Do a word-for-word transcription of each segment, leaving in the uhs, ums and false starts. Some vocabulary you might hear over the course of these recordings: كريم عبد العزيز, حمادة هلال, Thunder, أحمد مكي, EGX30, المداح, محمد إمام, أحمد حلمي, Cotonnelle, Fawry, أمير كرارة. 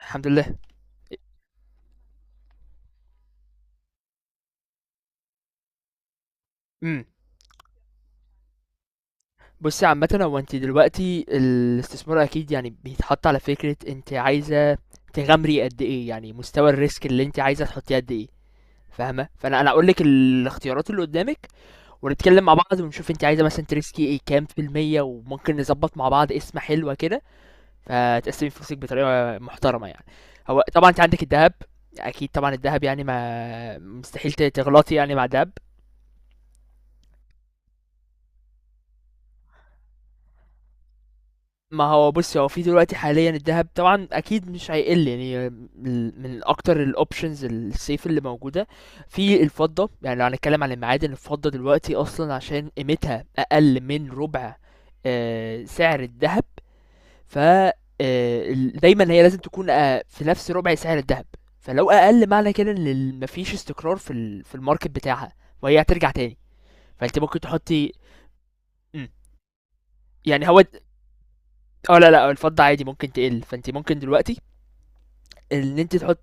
الحمد لله. إمم. بُصّي عامةً، هو أنتِ دلوقتي الاستثمار أكيد يعني بيتحط على فكرة، أنتِ عايزة تغامري قد إيه، يعني مستوى الrisk اللي أنتِ عايزة تحطّيه قد إيه، فاهمة؟ فأنا أنا هاقول لِك الاختيارات اللي قدّامِك، ونتكلّم مع بعض، ونشوف أنتِ عايزة مثلًا تريسكي إيه كام في المِيّة، وممكن نضبّط مع بعض قِسمة حلوة كده، فتقسّمي فلوسِك بطريقة محترمة يعني. هو طبعًا أنتِ عندِك الدهب، أكيد طبعًا الدهب، يعني ما مستحيل ت تغلطي يعني مع الدهب. ما هو بص، هو في دلوقتي حاليا الذهب طبعا اكيد مش هيقل، يعني من من اكتر الاوبشنز السيف اللي موجوده في الفضه. يعني لو هنتكلم عن المعادن، الفضه دلوقتي اصلا عشان قيمتها اقل من ربع آه، سعر الذهب. ف آه، ال- دايما هي لازم تكون آه، في نفس ربع سعر الذهب. فلو اقل معنى كده ان ال- مفيش استقرار في ال- في الماركت بتاعها، وهي هترجع تاني، فانت ممكن تحطي. مم. يعني هو، اه لا لا الفضة عادي ممكن تقل، فانت ممكن دلوقتي ان انت تحط.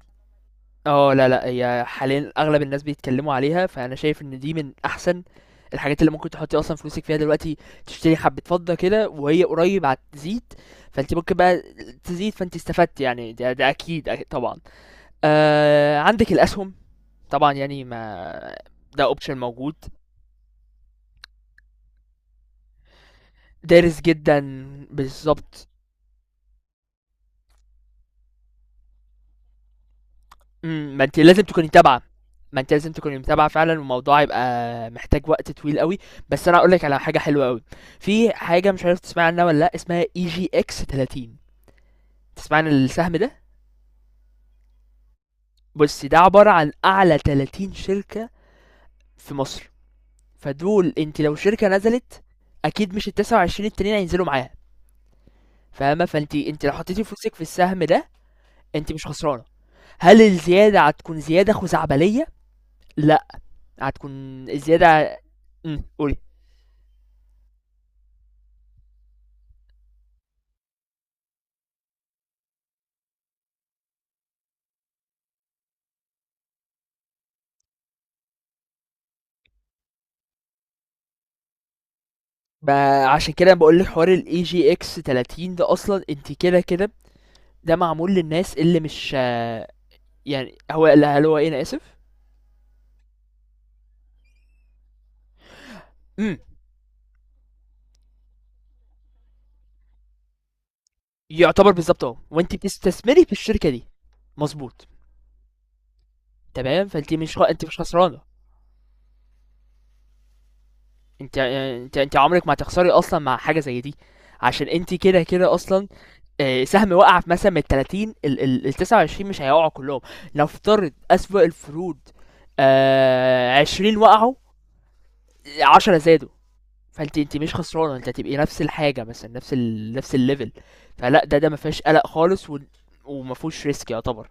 اه لا لا هي حاليا اغلب الناس بيتكلموا عليها، فانا شايف ان دي من احسن الحاجات اللي ممكن تحطي اصلا فلوسك فيها دلوقتي. تشتري حبة فضة كده وهي قريب هتزيد، فانت ممكن بقى تزيد، فانت استفدت يعني. ده, ده اكيد، أكيد طبعا. آه عندك الاسهم طبعا يعني، ما ده اوبشن موجود. دارس جدا، بالظبط. إمم، ما أنتِ لازم تكوني متابعة، ما أنتِ لازم تكوني متابعة فعلًا، والموضوع هيبقى محتاج وقت طويل أوي. بس أنا هاقول لِك على حاجة حلوة أوي، في حاجة مش عارف تسمعي عنها والّا لأ، اسمها إي جي إكس ثيرتي. تسمعي عن السهم ده؟ بُصّي، ده عبارة عن أعلى 30 شركة في مصر، فدول أنتِ لو شركة نزلت أكيد مش ال29 التانيين هينزلوا معاها، فاهمة؟ فأنتِ أنتِ لو حطيتِ فلوسِك في السهم ده، أنتِ مش خسرانة. هل الزيادة هتكون زيادة خزعبلية؟ لأ، هتكون الزيادة. إمم، قولي. ما عشان كده أنا بقول لك حوار ال إيه جي إكس تلاتين ده أصلًا أنتِ كده، كده. ده معمول للناس اللي مش آه، يعني هو، لا، هل هو إيه أنا آسف؟ إمم، يعتبر بالضبط آه، وأنتِ بتستثمري في الشركة دي، مضبوط، تمام. فأنتِ مش خ أنتِ مش خسرانة. أنتِ آآ أنتِ أنتِ عمرِك ما هتخسري أصلًا مع حاجة زي دي، عشان أنتِ كده، كده أصلًا آآ سهم وقع في مثلًا من ال30، ال ال ال29 مش هيقعوا كلهم. نفترض أسوأ الفروض، آآ عشرين وقعوا، عشرة زادوا. فانت انت مش خسرانه، انت هتبقي نفس الحاجه، مثلا نفس ال، نفس الليفل. فلا ده ده ما فيهاش قلق خالص، و... وما فيهوش ريسك يعتبر.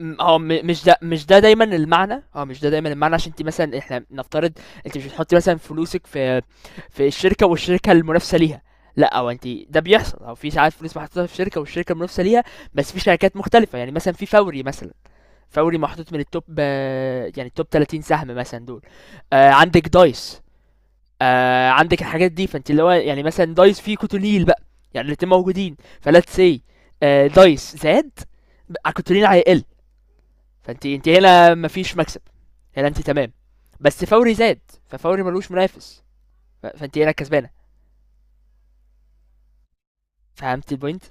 م- اه م- مش ده مش ده دايما المعنى، اه مش ده دايما المعنى. عشان انت مثلا، احنا نفترض انت مش بتحطي مثلا فلوسك في في الشركه والشركه المنافسه ليها، لا، او انت ده بيحصل، او في ساعات فلوس محطوطه في شركه والشركه المنافسه ليها، بس في شركات مختلفه، يعني مثلا في فوري مثلا. فوري محطوط من التوب، آه، يعني التوب تلاتين سهم مثلا دول. آه، عندك دايس، آه عندك الحاجات دي، فانت اللي هو يعني مثلا دايس فيه كوتونيل بقى، يعني الاتنين موجودين فلات سي. آه دايس زاد، ب- كوتونيل هيقل. فانت انت هنا مفيش مكسب، هنا انت تمام. بس فوري زاد، ففوري ملوش منافس، ف- فانت هنا كسبانه. فهمت البوينت؟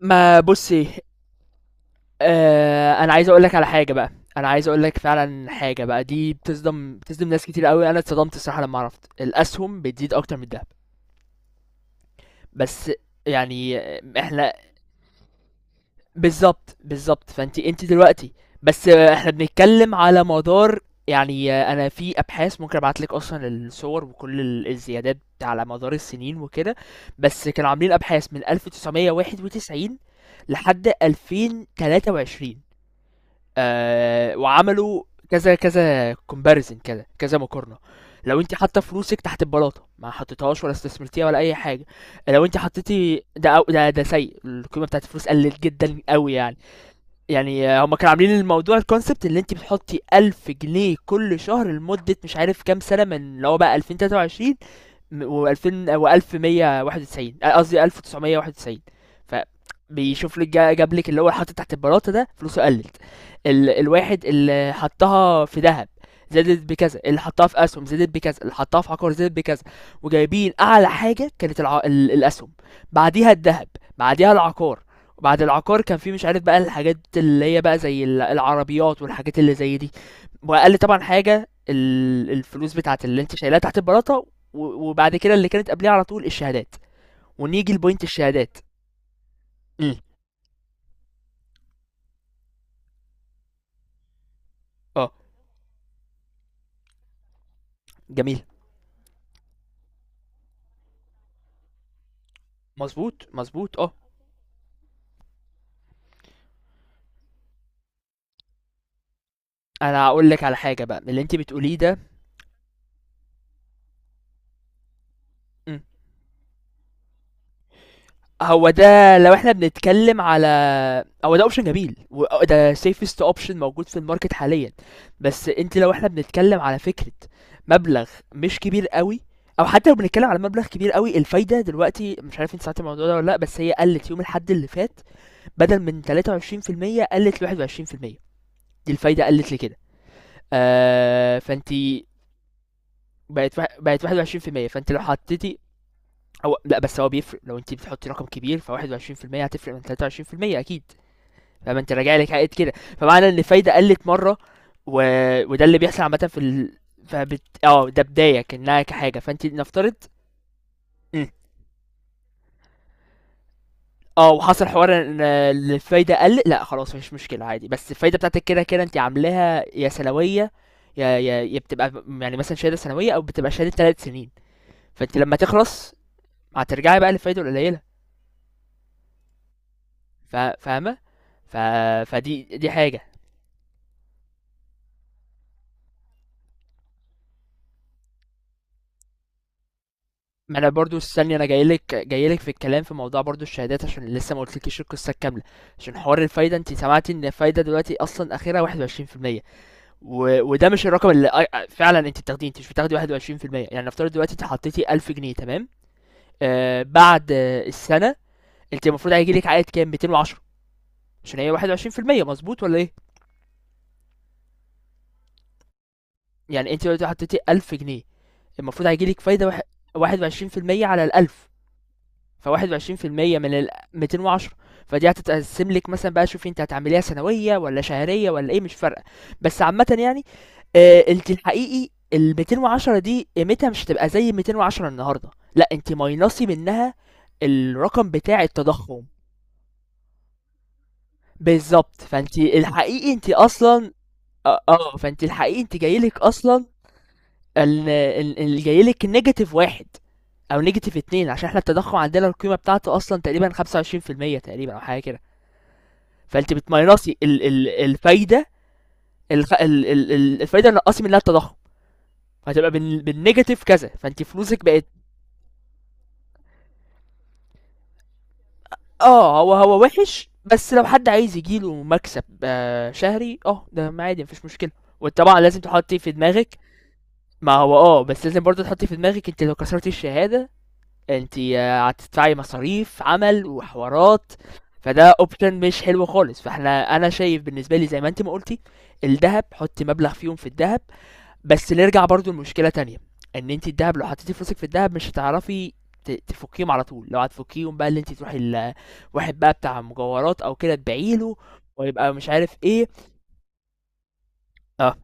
ما بصي، آه انا عايز اقول لك على حاجه بقى، انا عايز اقول لك فعلا حاجه بقى. دي بتصدم بتصدم ناس كتير قوي، انا اتصدمت الصراحه لما عرفت الاسهم بتزيد اكتر من الذهب، بس يعني آه، احنا بالضبط، بالضبط. فأنتِ أنتِ دلوقتي بس آه، إحنا بنتكلم على مدار يعني آه، أنا في أبحاث ممكن أبعت لِك أصلًا الصور وكل ال الزيادات على مدار السنين وكده. بس كانوا عاملين أبحاث من ألف تسعمية واحد وتسعين لحد ألفين وتلاتة وعشرين. آآ، وعملوا كذا كذا comparison كده، كذا مقارنة. لو أنتِ حاطة فلوسِك تحت البلاطة، ما حطيتيهاش ولا استثمرتيها ولا أي حاجة، لو أنتِ حطيتِ ده أو ده، ده سيء، القيمة بتاعة الفلوس قلت جدًا أوي يعني. يعني هم كانوا عاملين الموضوع الكونسبت، اللي انت بتحطي ألف جنيه كل شهر لمدة مش عارف كام سنة، من اللي هو بقى ألفين وتلاتة وعشرين و2000 و1191 قصدي ألف تسعمية واحد وتسعين. فبيشوف لك جا- جاب لك اللي هو حاطط تحت البلاطه ده فلوسه قلت، ال، الواحد اللي حطها في ذهب زادت بكذا، اللي حطها في اسهم زادت بكذا، اللي حطها في عقار زادت بكذا. وجايبين اعلى حاجه كانت الع، ال، الاسهم، بعديها الذهب، بعديها العقار. وبعد العقار كان في مش عارف بقى الحاجات اللي هي بقى زي ال- العربيات والحاجات اللي زي دي. واقل طبعا حاجه ال- الفلوس بتاعت اللي انت شايلها تحت البلاطه. و- وبعد كده اللي كانت قبليها على طول الشهادات. ونيجي لبوينت الشهادات. امم، اه، جميل، مظبوط مظبوط اه. انا هقول لك على حاجه بقى من اللي انت بتقوليه ده. مم. هو ده لو احنا بنتكلم على، هو ده اوبشن جميل، وده سيفست اوبشن موجود في الماركت حاليا. بس انت لو احنا بنتكلم على فكره مبلغ مش كبير قوي، او حتى لو بنتكلم على مبلغ كبير قوي، الفايده دلوقتي مش عارف انت سمعت الموضوع ده ولا لا، بس هي قلت يوم الحد اللي فات بدل من تلاتة وعشرين في المية قلت ل واحد وعشرين في المية. دي الفايدة قلت لكده. آه فانت بقت واحد- بقت واحد وعشرين في المية. فانت لو حطيتي، او لا، بس هو بيفرق لو انت بتحطي رقم كبير، ف واحد وعشرين في المية هتفرق من تلاتة وعشرين في المية اكيد. فما انت راجع لك عائد كده. فمعنى ان الفايدة قلت مرة، و... وده اللي بيحصل عامة في ال، فبت... اه ده بداية كأنها كحاجة، فانت نفترض. مم. اه، وحصل حوار ان إن الفايدة قلت، لا خلاص مفيش مشكلة عادي. بس الفايدة بتاعتك كده كده انت عاملاها يا سنوية، يا يا يا بتبقى يعني مثلا شهادة سنوية، او بتبقى شهادة ثلاث سنين، فانت لما تخلص هترجعي بقى للفايده القليله. فا- فاهمه. ف... فدي دي حاجه. ما انا برضو استني، انا جاي لك جاي لك في الكلام في موضوع برضو الشهادات، عشان لسه ما قلتلكيش القصه الكامله. عشان حوار الفايده، انت سمعتي ان الفايده دلوقتي اصلا اخرها واحد وعشرين في المية. و... وده مش الرقم اللي أ- أ- فعلا انت بتاخديه، انت مش بتاخدي واحد وعشرين في المية. يعني نفترض دلوقتي انت حطيتي ألف جنيه تمام، آه بعد آه، السنه انت المفروض هيجي لك عائد كام؟ ميتين وعشرة، عشان هي واحد وعشرين في المية، مظبوط ولا ايه؟ يعني انت دلوقتي حطيتي ألف جنيه، المفروض هيجيلك فايدة واحد واحد وعشرين في المية على الألف. فواحد وعشرين في المية من الميتين وعشرة. فدي هتتقسم لك مثلا بقى. شوفي انت هتعمليها سنوية ولا شهرية ولا ايه، مش فارقة. بس عامة يعني، آه، انت الحقيقي ال ميتين وعشرة دي قيمتها مش هتبقى زي ميتين وعشرة النهارده، لا، انت ماينصي منها الرقم بتاع التضخم. بالظبط، فانت الحقيقي انت اصلا، اه، آه، فانت الحقيقي انت جايلك اصلا ال- ال- اللي جاي لك نيجاتيف واحد او نيجاتيف اتنين، عشان احنا التضخم عندنا القيمه بتاعته اصلا تقريبا خمسة وعشرين في المية تقريبا او حاجه كده. فانت بتماينصي ال- ال- الفايده. الخ- ال- ال- ال- الفايده اللي نقصي منها التضخم هتبقى بال- بالنيجاتيف كذا، فانت فلوسك بقت. اه، هو هو وحش، بس لو حد عايز يجيله مكسب آه، شهري اه ده عادي مفيش مشكله. وطبعا لازم تحطي في دماغك، ما هو اه بس لازم برضه تحطي في دماغك انت لو كسرتي الشهاده انت هتدفعي مصاريف عمل وحوارات. فده اوبشن مش حلو خالص. فاحنا انا شايف بالنسبه لي زي ما انت ما قلتي، الذهب، حطي مبلغ فيهم في الذهب. بس نرجع برضو لمشكله تانية، ان انت الذهب لو حطيتي فلوسك في الذهب مش هتعرفي ت- تفكيهم على طول. لو هتفكيهم بقى اللي انت تروحي ال- واحد بقى بتاع مجوهرات او كده تبيعيله، ويبقى مش عارف ايه. اه،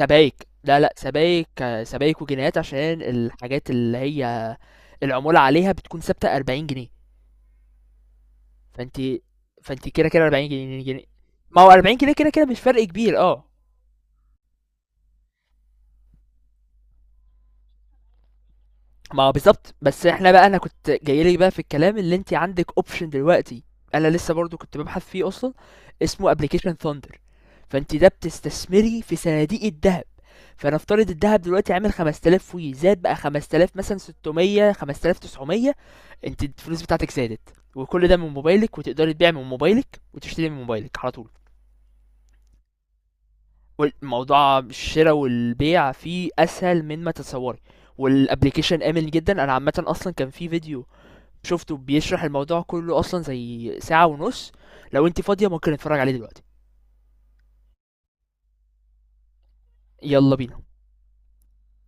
سبايك، لا لا، سبايك آه، سبايك وجنيهات، عشان الحاجات اللي هي العمولة عليها بتكون ثابتة أربعين جنيه. فانت، فانت كده كده 40 جنيه جنيه ما هو أربعين جنيه كده كده مش فرق كبير اه. ما هو بالظبط. بس احنا بقى انا كنت جايلك بقى في الكلام، اللي انت عندك اوبشن دلوقتي انا لسه برضو كنت ببحث فيه اصلا، اسمه ابلكيشن ثاندر. فانت ده بتستثمري في صناديق الذهب، فنفترض الذهب دلوقتي عامل خمس تلاف وي زاد بقى خمسة تلاف مثلا، ستمية خمسة تلاف وتسعمية. انت الفلوس بتاعتك زادت، وكل ده من موبايلك، وتقدري تبيع من موبايلك وتشتري من موبايلك على طول. والموضوع الشرا والبيع فيه اسهل من ما تتصوري. والابلكيشن امن جدا، انا عامه اصلا كان في فيديو شفته بيشرح الموضوع كله اصلا زي ساعه ونص، لو انت فاضيه ممكن نتفرج عليه دلوقتي. يلا بينا.